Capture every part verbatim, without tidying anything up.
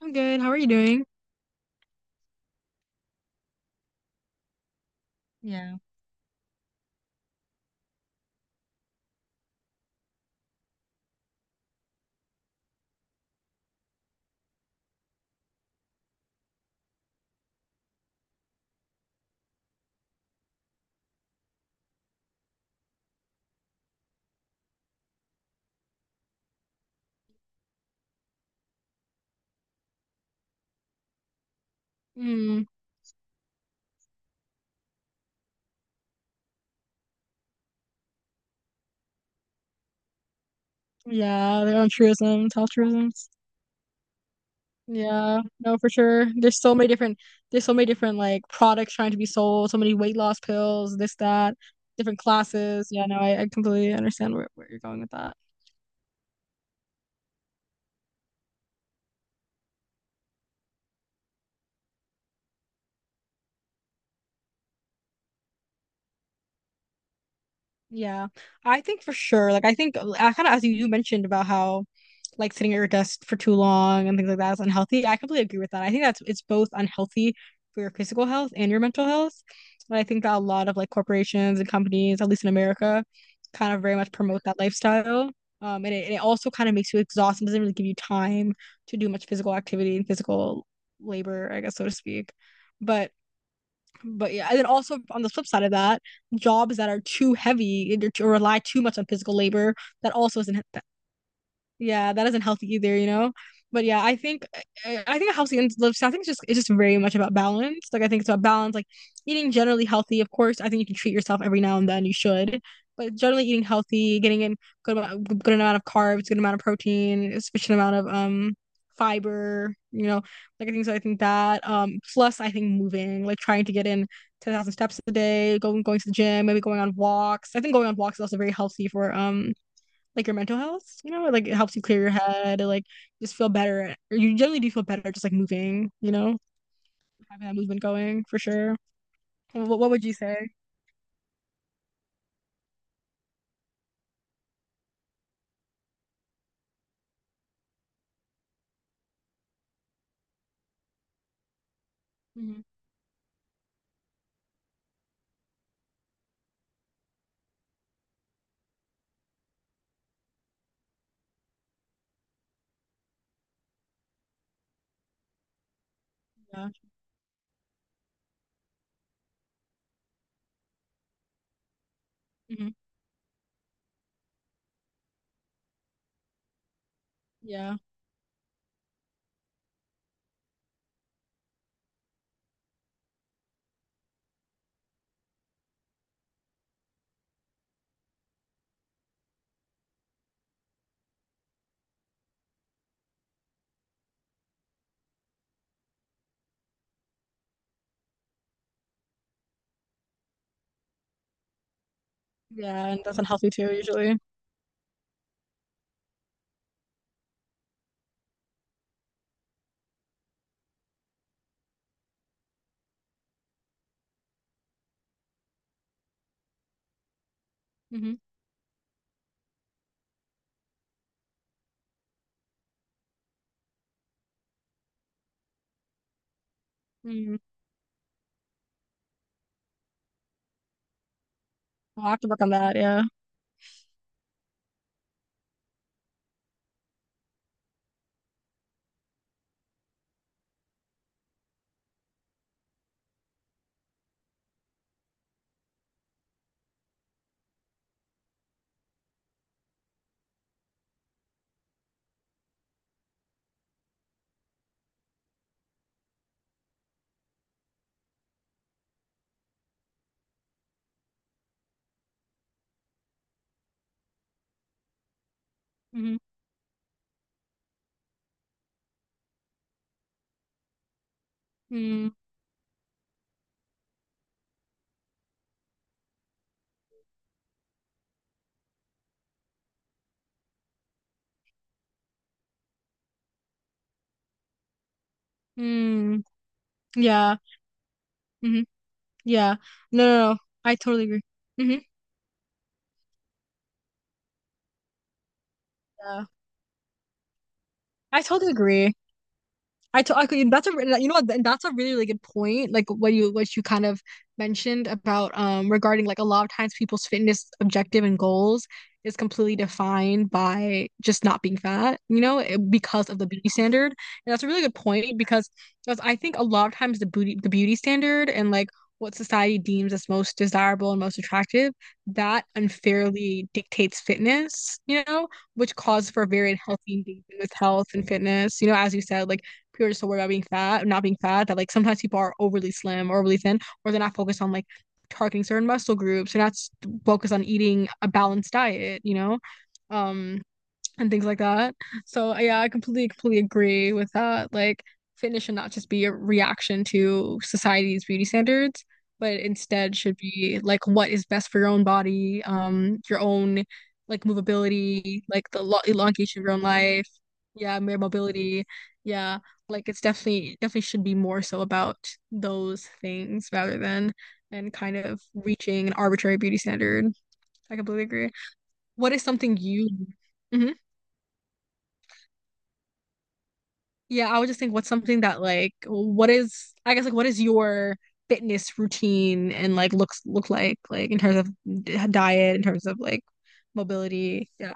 I'm good. How are you doing? Yeah. Mm, yeah, their own truisms, health truisms. Yeah, no, for sure. There's so many different, there's so many different like products trying to be sold. So many weight loss pills, this, that, different classes. Yeah, no, I, I completely understand where, where you're going with that. Yeah, I think for sure. Like I think I kind of as you, you mentioned about how like sitting at your desk for too long and things like that is unhealthy. I completely agree with that. I think that's it's both unhealthy for your physical health and your mental health. And I think that a lot of like corporations and companies, at least in America, kind of very much promote that lifestyle. Um, and it, and it also kind of makes you exhausted. It doesn't really give you time to do much physical activity and physical labor, I guess, so to speak. But but yeah, and then also on the flip side of that, jobs that are too heavy or rely too much on physical labor that also isn't yeah, that isn't healthy either, you know? But yeah, I think I I think a healthy and lifestyle, I think it's just it's just very much about balance. Like I think it's about balance, like eating generally healthy. Of course, I think you can treat yourself every now and then. You should, but generally eating healthy, getting in good amou- good amount of carbs, good amount of protein, sufficient amount of um fiber. You know, like I think so. I think that um plus I think moving, like trying to get in ten thousand steps a day, going going to the gym, maybe going on walks. I think going on walks is also very healthy for um like your mental health, you know, like it helps you clear your head, it, like just feel better. Or you generally do feel better just like moving, you know, having that movement going for sure. Well, What, what would you say? Hmm. Yeah. Hmm. Yeah. Yeah. And that's unhealthy too, usually. Hmm. Mm. I'll have to work on that. Yeah. Hmm. Mm. Mm. Yeah. Hmm. Yeah. No, no, no. I totally agree. Hmm. Yeah. I totally agree. I to- I could, that's a re- you know what and that's a really really good point like what you what you kind of mentioned about um regarding like a lot of times people's fitness objective and goals is completely defined by just not being fat, you know, it- because of the beauty standard, and that's a really good point because that's, I think a lot of times the beauty the beauty standard and like what society deems as most desirable and most attractive, that unfairly dictates fitness, you know, which calls for very unhealthy engagement with health and fitness, you know, as you said, like people are just so worried about being fat, not being fat, that like sometimes people are overly slim or overly thin, or they're not focused on like targeting certain muscle groups. They're not focused on eating a balanced diet, you know? Um, and things like that. So uh, yeah, I completely completely agree with that. Like fitness should not just be a reaction to society's beauty standards, but instead should be like what is best for your own body, um, your own like movability, like the lo elongation of your own life. Yeah, mere mobility. Yeah, like it's definitely definitely should be more so about those things rather than and kind of reaching an arbitrary beauty standard. I completely agree. What is something you — Mhm. Yeah, I would just think what's something that like what is I guess like what is your fitness routine and like looks look like like in terms of d- diet, in terms of like mobility. Yeah.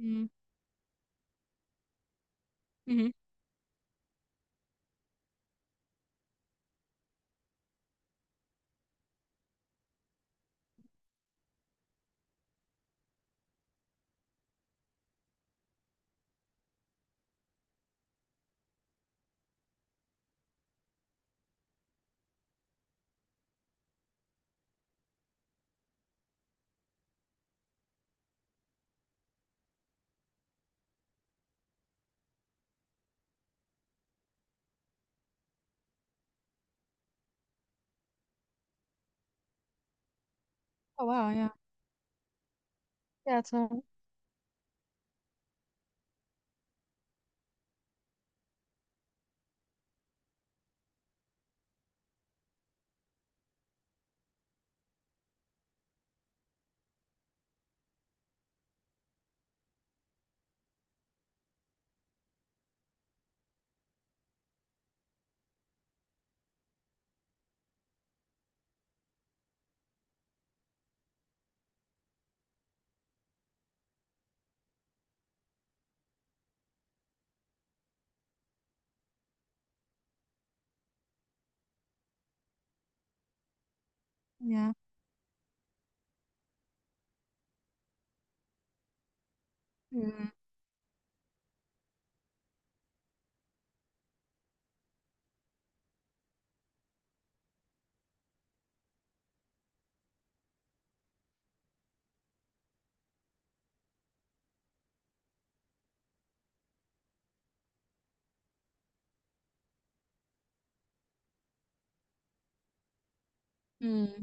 Mm-hmm. Oh wow, yeah. Yeah, so yeah. Hmm. Hmm.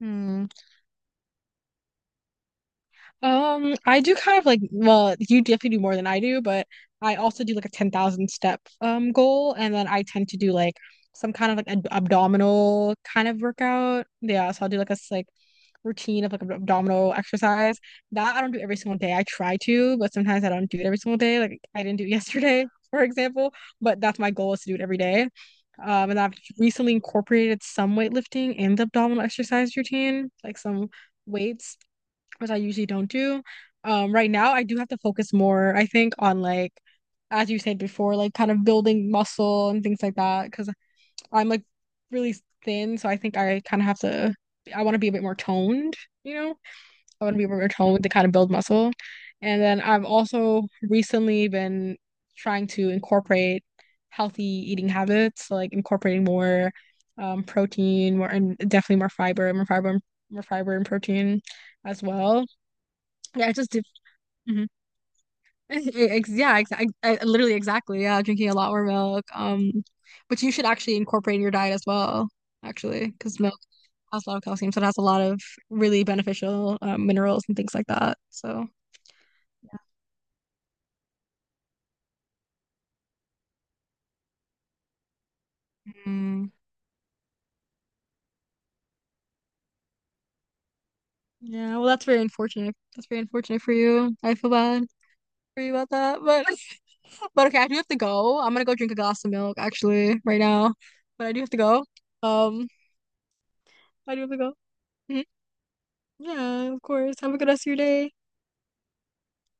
Hmm. Um, I do kind of like, well, you definitely do more than I do, but I also do like a ten thousand step um goal and then I tend to do like some kind of like ab abdominal kind of workout. Yeah, so I'll do like a s- like routine of like ab- abdominal exercise. That I don't do every single day. I try to, but sometimes I don't do it every single day. Like I didn't do it yesterday, for example, but that's my goal is to do it every day. Um, and I've recently incorporated some weightlifting in the abdominal exercise routine, like some weights which I usually don't do. Um, right now I do have to focus more, I think, on like as you said before, like kind of building muscle and things like that because I'm like really thin, so I think I kind of have to — I want to be a bit more toned, you know? I want to be a bit more toned to kind of build muscle. And then I've also recently been trying to incorporate healthy eating habits, so, like incorporating more um protein, more and definitely more fiber, more fiber, more fiber and protein as well. Yeah, it just did. Hmm. Ex yeah, exactly. Literally, exactly. Yeah, drinking a lot more milk. Um, but you should actually incorporate in your diet as well, actually, because milk has a lot of calcium, so it has a lot of really beneficial um, minerals and things like that. So, Mm. yeah. Well, that's very unfortunate. That's very unfortunate for you. I feel bad for you about that. But, but okay, I do have to go. I'm gonna go drink a glass of milk actually right now. But I do have to go. Um, I do have to go. Mhm. Yeah, of course. Have a good rest of your day.